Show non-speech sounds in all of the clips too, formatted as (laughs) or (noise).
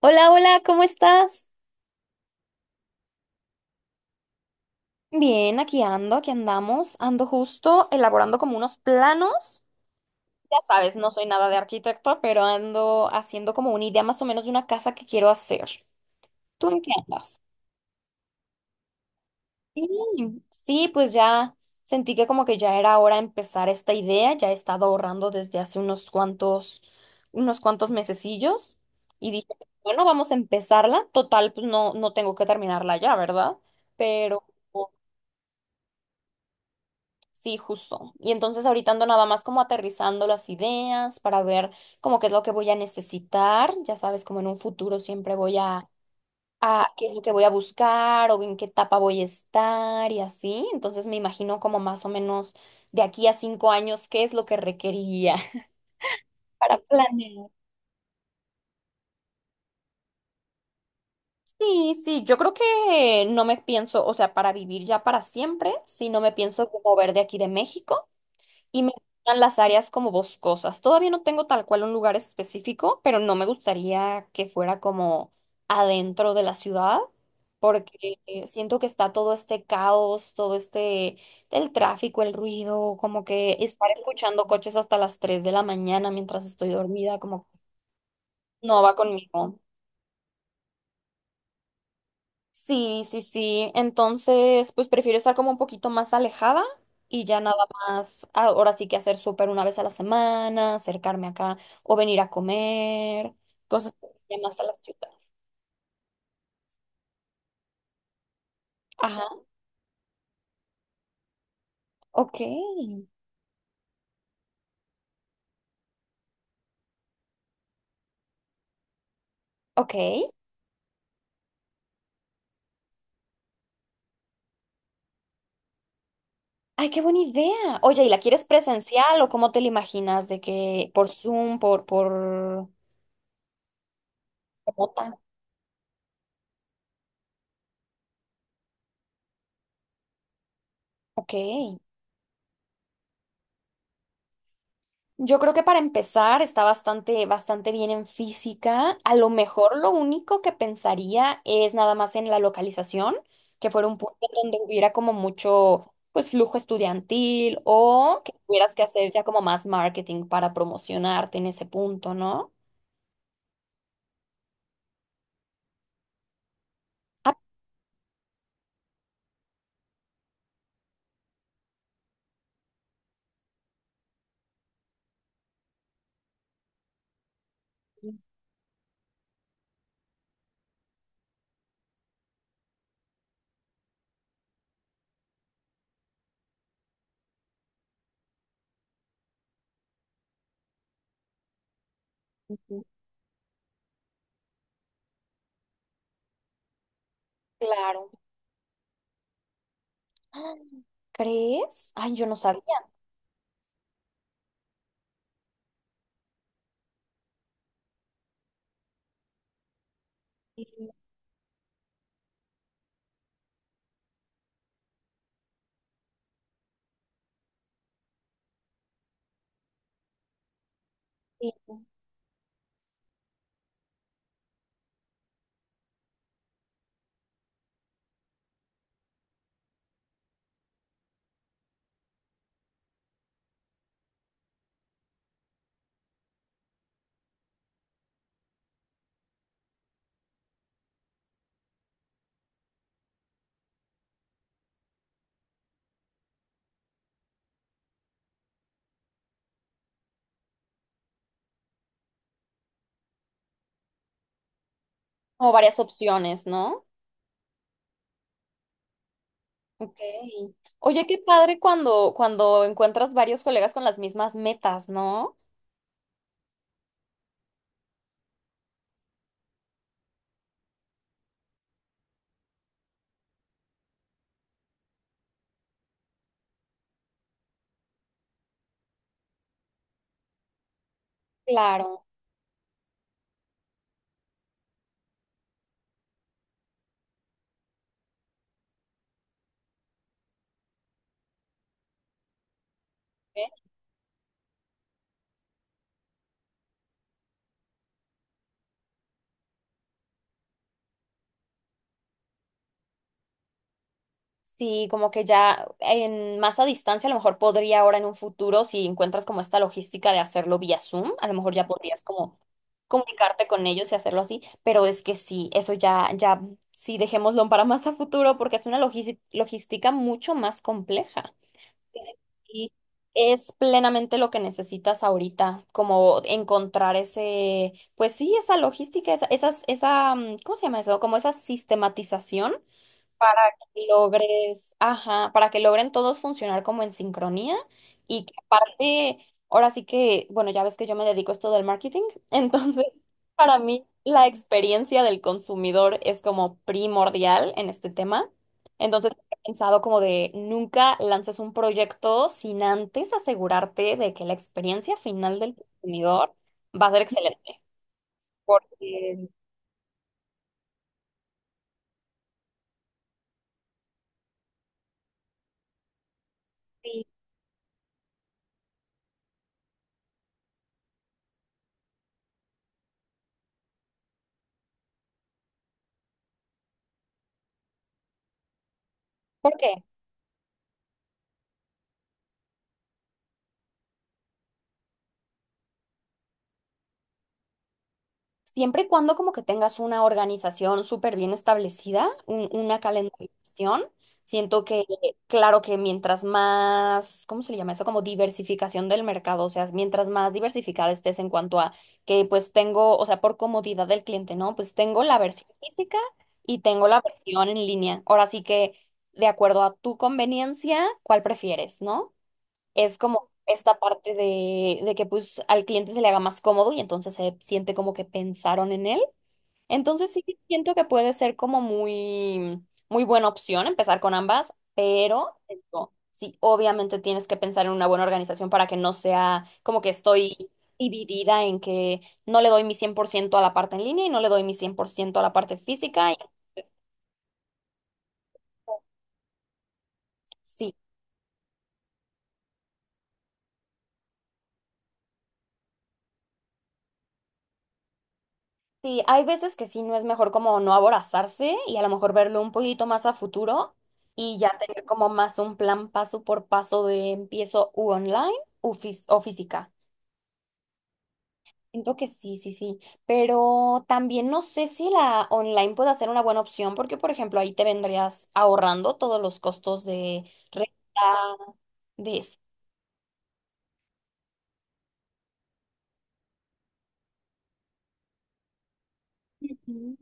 Hola, hola, ¿cómo estás? Bien, aquí ando, aquí andamos, ando justo elaborando como unos planos. Ya sabes, no soy nada de arquitecto, pero ando haciendo como una idea más o menos de una casa que quiero hacer. ¿Tú en qué andas? Sí, sí, pues ya sentí que como que ya era hora de empezar esta idea, ya he estado ahorrando desde hace unos cuantos, mesecillos y dije, bueno, vamos a empezarla. Total, pues no, no tengo que terminarla ya, ¿verdad? Pero... Sí, justo. Y entonces ahorita ando nada más como aterrizando las ideas para ver como qué es lo que voy a necesitar. Ya sabes, como en un futuro siempre voy a qué es lo que voy a buscar o en qué etapa voy a estar y así. Entonces me imagino como más o menos de aquí a 5 años qué es lo que requeriría (laughs) para planear. Sí, sí, yo creo que no me pienso, o sea, para vivir ya para siempre, sí, no me pienso mover de aquí de México. Y me gustan las áreas como boscosas. Todavía no tengo tal cual un lugar específico, pero no me gustaría que fuera como adentro de la ciudad, porque siento que está todo este caos, todo este, el tráfico, el ruido, como que estar escuchando coches hasta las 3 de la mañana mientras estoy dormida, como que no va conmigo. Sí, sí, sí. Entonces, pues prefiero estar como un poquito más alejada y ya nada más, ahora sí que hacer súper una vez a la semana, acercarme acá o venir a comer, cosas que vayan más a la ciudad. Ajá, ok, ok. Ay, qué buena idea. Oye, ¿y la quieres presencial o cómo te la imaginas? De que por Zoom, por remota. Ok. Yo creo que para empezar está bastante, bastante bien en física. A lo mejor lo único que pensaría es nada más en la localización, que fuera un punto donde hubiera como mucho, pues, lujo estudiantil o que tuvieras que hacer ya como más marketing para promocionarte en ese punto, ¿no? Ah, sí, sí, sí. Claro. (gasps) Ah, ¿crees? Ay, yo no sabía. Sí, sí, sí. Como varias opciones, ¿no? Ok. Oye, qué padre cuando encuentras varios colegas con las mismas metas, ¿no? Claro. ¿Eh? Sí, como que ya en más a distancia, a lo mejor podría ahora en un futuro, si encuentras como esta logística de hacerlo vía Zoom, a lo mejor ya podrías como comunicarte con ellos y hacerlo así, pero es que sí, eso ya, ya, sí, dejémoslo para más a futuro porque es una logística mucho más compleja. Y es plenamente lo que necesitas ahorita, como encontrar ese, pues sí, esa logística, esa, esas, esa, mm, ¿cómo se llama eso? Como esa sistematización para que logres, ajá, para que logren todos funcionar como en sincronía y que aparte, ahora sí que, bueno, ya ves que yo me dedico a esto del marketing, (laughs) entonces para mí la experiencia del consumidor es como primordial en este tema. Entonces he pensado como de nunca lances un proyecto sin antes asegurarte de que la experiencia final del consumidor va a ser excelente. Porque, sí. ¿Por qué? Siempre y cuando como que tengas una organización súper bien establecida, una calendarización, siento que, claro que mientras más, ¿cómo se le llama eso? Como diversificación del mercado, o sea, mientras más diversificada estés en cuanto a que pues tengo, o sea, por comodidad del cliente, ¿no? Pues tengo la versión física y tengo la versión en línea. Ahora sí que, de acuerdo a tu conveniencia, ¿cuál prefieres, no? Es como esta parte de que pues al cliente se le haga más cómodo y entonces se siente como que pensaron en él. Entonces sí siento que puede ser como muy, muy buena opción empezar con ambas, pero te digo, sí, obviamente tienes que pensar en una buena organización para que no sea como que estoy dividida en que no le doy mi 100% a la parte en línea y no le doy mi 100% a la parte física. Entonces, sí, sí, hay veces que sí no es mejor como no aborazarse y a lo mejor verlo un poquito más a futuro y ya tener como más un plan paso por paso de empiezo u online o física. Siento que sí, sí, sí, pero también no sé si la online puede ser una buena opción porque, por ejemplo, ahí te vendrías ahorrando todos los costos de renta, de... Ujú.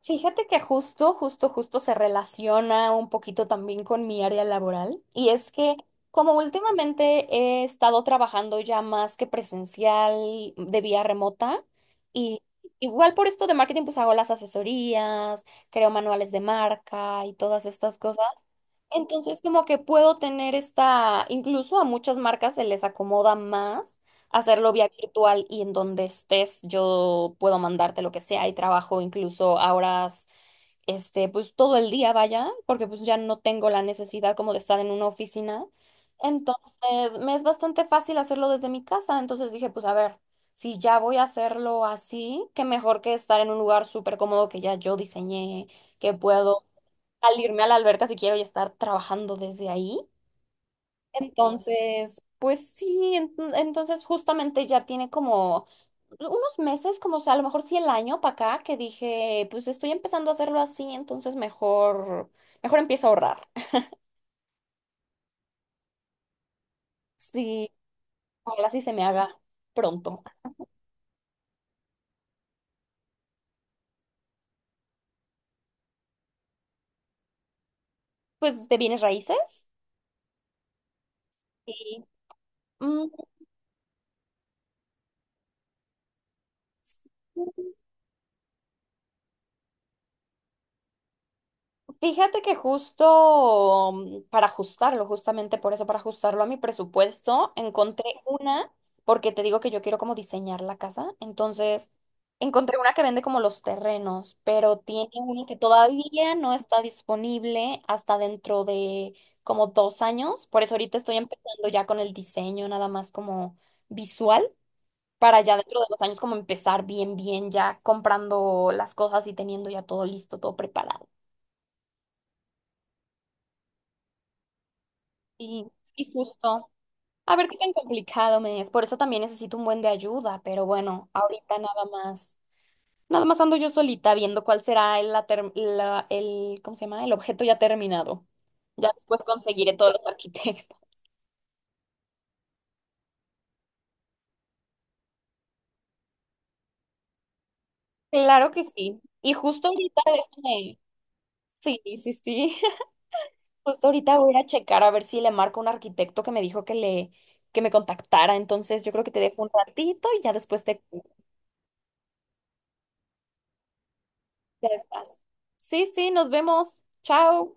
Fíjate que justo, justo, justo se relaciona un poquito también con mi área laboral y es que como últimamente he estado trabajando ya más que presencial de vía remota y igual por esto de marketing pues hago las asesorías, creo manuales de marca y todas estas cosas. Entonces, como que puedo tener esta, incluso a muchas marcas se les acomoda más hacerlo vía virtual y en donde estés yo puedo mandarte lo que sea y trabajo incluso a horas, este, pues todo el día vaya, porque pues ya no tengo la necesidad como de estar en una oficina. Entonces, me es bastante fácil hacerlo desde mi casa. Entonces dije, pues a ver, si ya voy a hacerlo así, qué mejor que estar en un lugar súper cómodo que ya yo diseñé que puedo al irme a la alberca si quiero y estar trabajando desde ahí. Entonces, pues sí, entonces justamente ya tiene como unos meses, como o sea, a lo mejor sí el año para acá, que dije, pues estoy empezando a hacerlo así, entonces mejor, mejor empiezo a ahorrar. Sí, ojalá sí se me haga pronto. Pues de bienes raíces. Sí. Mm, Fíjate que justo para ajustarlo, justamente por eso, para ajustarlo a mi presupuesto, encontré una, porque te digo que yo quiero como diseñar la casa, entonces encontré una que vende como los terrenos, pero tiene una que todavía no está disponible hasta dentro de como 2 años, por eso ahorita estoy empezando ya con el diseño, nada más como visual, para ya dentro de 2 años como empezar bien, bien, ya comprando las cosas y teniendo ya todo listo, todo preparado. Y, y justo, a ver qué tan complicado me es. Por eso también necesito un buen de ayuda, pero bueno, ahorita nada más, nada más ando yo solita viendo cuál será el, la ter- la- el, ¿cómo se llama? El objeto ya terminado. Ya después conseguiré todos los arquitectos. (laughs) Claro que sí. Y justo ahorita déjame. Sí, sí, sí. (laughs) Justo ahorita voy a ir a checar a ver si le marco a un arquitecto que me dijo que me contactara. Entonces yo creo que te dejo un ratito y ya después te ya estás. Sí, sí, nos vemos. Chao.